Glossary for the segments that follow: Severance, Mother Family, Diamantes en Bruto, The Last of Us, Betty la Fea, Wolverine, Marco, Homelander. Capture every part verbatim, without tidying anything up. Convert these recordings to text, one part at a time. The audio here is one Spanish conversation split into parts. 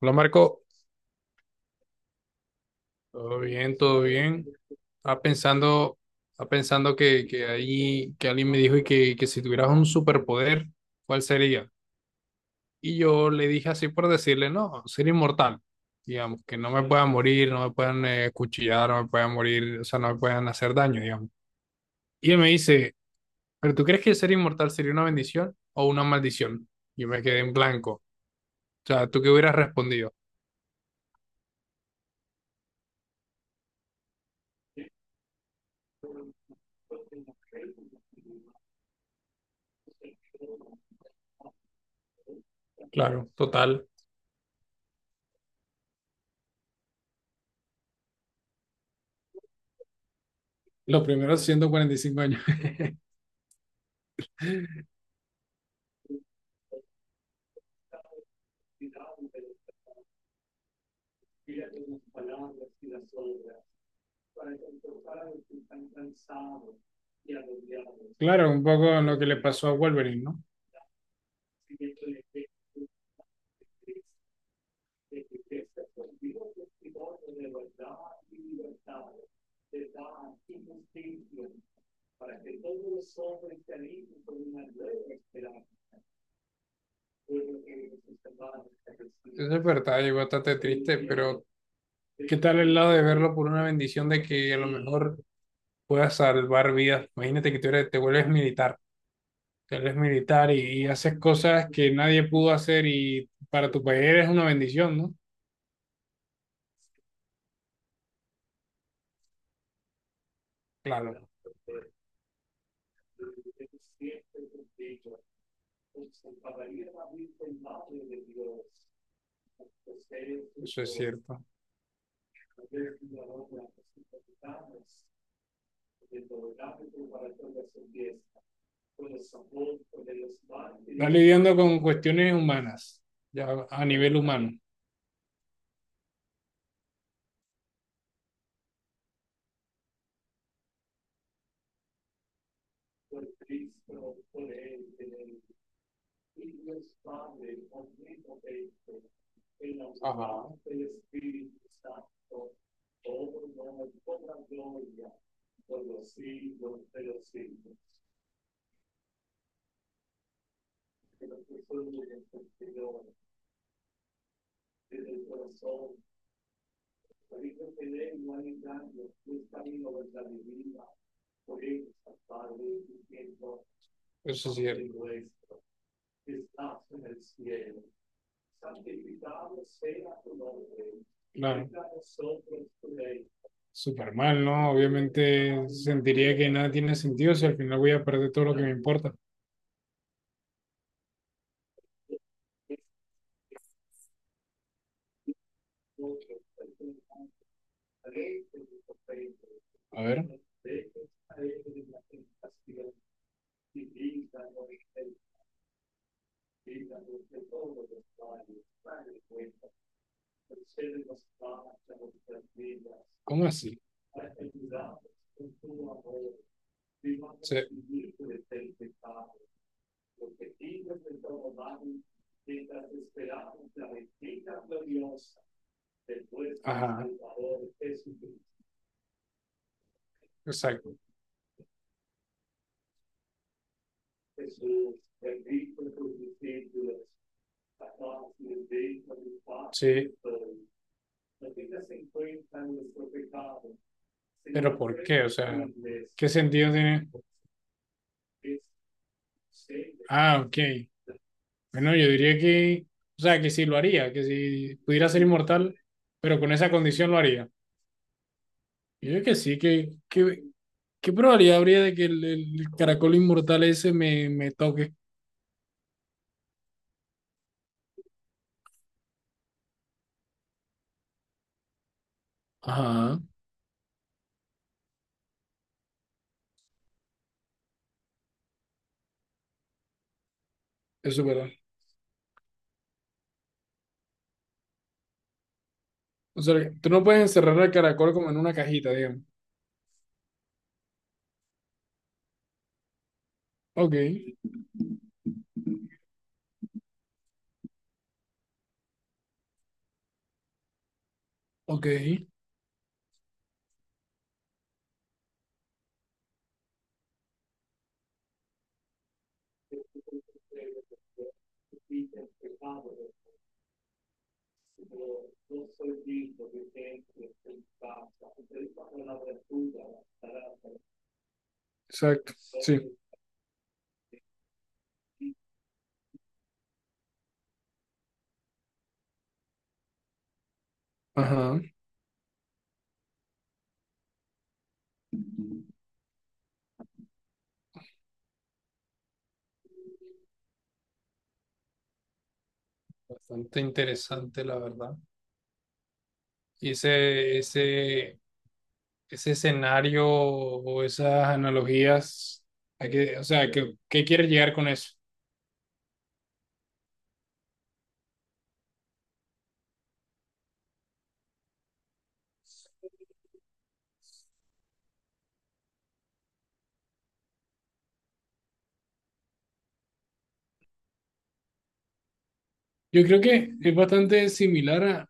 Hola Marco, todo bien, todo bien. Estaba pensando, estaba pensando que, que ahí que alguien me dijo y que, que si tuvieras un superpoder, ¿cuál sería? Y yo le dije así por decirle, no, ser inmortal. Digamos, que no me puedan morir, no me puedan eh, cuchillar, no me puedan morir, o sea, no me puedan hacer daño, digamos. Y él me dice, ¿pero tú crees que ser inmortal sería una bendición o una maldición? Yo me quedé en blanco. O sea, ¿tú qué hubieras respondido? Claro, total. Los primeros ciento cuarenta y cinco años. Claro, un poco lo que le pasó a Wolverine, ¿no? Eso es verdad, y bastante triste, pero ¿qué tal el lado de verlo por una bendición de que a lo mejor puedas salvar vidas? Imagínate que tú eres, te vuelves militar, te vuelves militar y, y haces cosas que nadie pudo hacer y para tu país eres una bendición, ¿no? Claro, eso es cierto. Estás lidiando con cuestiones humanas, ya a nivel humano. Ajá. Eso sí es cierto. Claro. Súper mal, ¿no? Obviamente sentiría que nada tiene sentido si al final voy a perder todo lo que me importa. A ver, ¿cómo así? Se- Ajá, exacto. Sí, pero ¿por qué? O sea, ¿qué sentido tiene? Ah, ok. Bueno, yo diría que, o sea, que sí lo haría, que si pudiera ser inmortal, pero con esa condición lo haría. Yo diría que sí, que, que, ¿qué probabilidad habría de que el, el caracol inmortal ese me, me toque? Ajá, eso es verdad. O sea, tú no puedes encerrar al caracol como en una cajita, digamos. Ok, ok, exacto, sí, ajá. Bastante interesante, la verdad. Y ese, ese, ese escenario o esas analogías, a qué- o sea, ¿qué, qué quieres llegar con eso? Yo creo que es bastante similar a,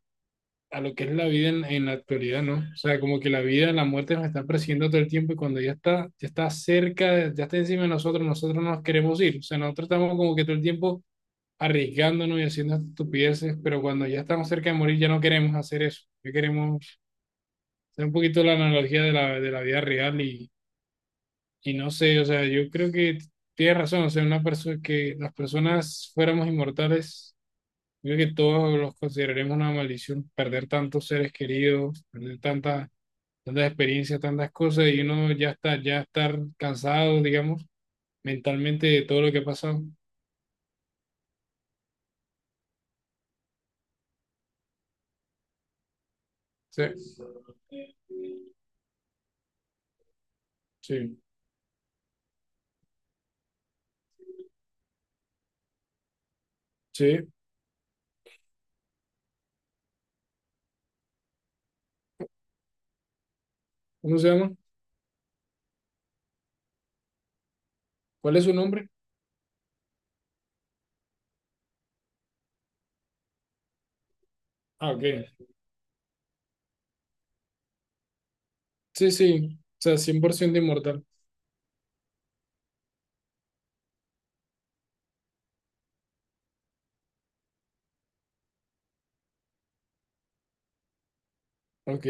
a lo que es la vida en, en la actualidad, ¿no? O sea, como que la vida, la muerte nos está persiguiendo todo el tiempo y cuando ya está, ya está cerca, ya está encima de nosotros, nosotros no nos queremos ir. O sea, nosotros estamos como que todo el tiempo arriesgándonos y haciendo estupideces, pero cuando ya estamos cerca de morir ya no queremos hacer eso. Ya queremos hacer un poquito la analogía de la, de la vida real. Y no sé, o sea, yo creo que tienes razón, o sea, una persona que las personas fuéramos inmortales, yo creo que todos los consideraríamos una maldición, perder tantos seres queridos, perder tantas, tantas experiencias, tantas cosas, y uno ya está, ya estar cansado, digamos, mentalmente de todo lo que ha pasado. Sí, sí, sí. ¿Cómo se llama? ¿Cuál es su nombre? Ah, ok. Sí, sí, o sea, cien por ciento inmortal. Ok,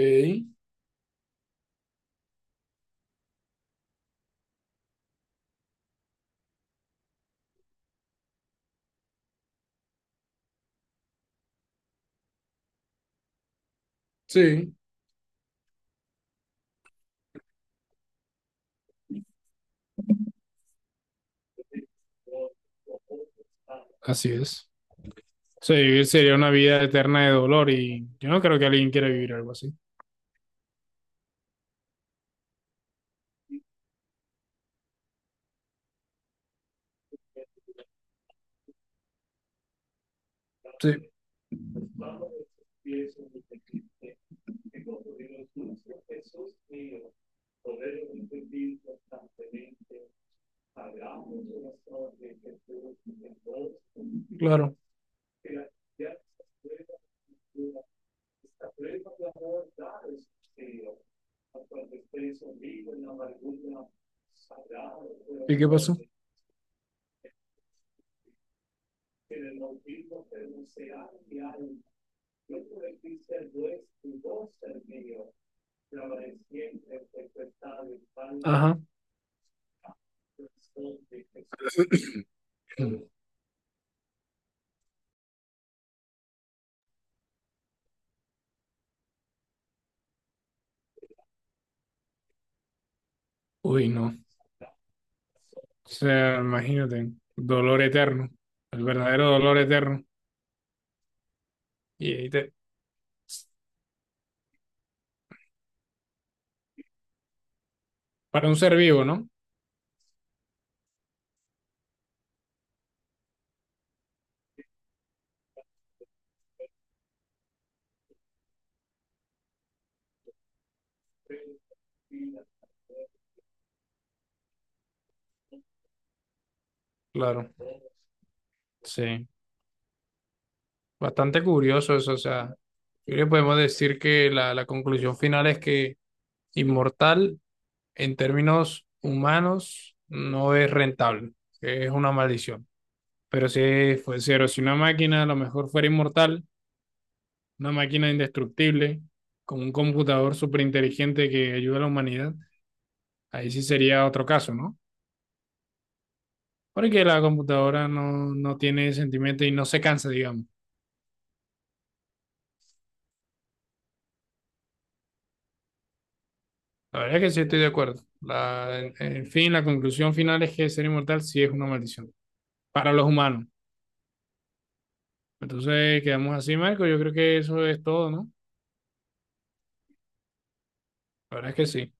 sí, así es. Sí, vivir sería una vida eterna de dolor y yo no creo que alguien quiera vivir algo así. Sí, claro. ¿Y qué pasó? Ajá. Uy, no. O sea, imagínate, dolor eterno, el verdadero dolor eterno. Y, y te- para un ser vivo, ¿no? Claro. Sí, bastante curioso eso. O sea, yo creo que podemos decir que la, la conclusión final es que inmortal en términos humanos no es rentable, es una maldición. Pero si fuese cero, si una máquina a lo mejor fuera inmortal, una máquina indestructible, con un computador súper inteligente que ayude a la humanidad, ahí sí sería otro caso, ¿no? Porque la computadora no, no tiene sentimiento y no se cansa, digamos. La verdad es que sí estoy de acuerdo. La, en, en fin, la conclusión final es que ser inmortal sí es una maldición para los humanos. Entonces quedamos así, Marco. Yo creo que eso es todo, ¿no? La verdad es que sí.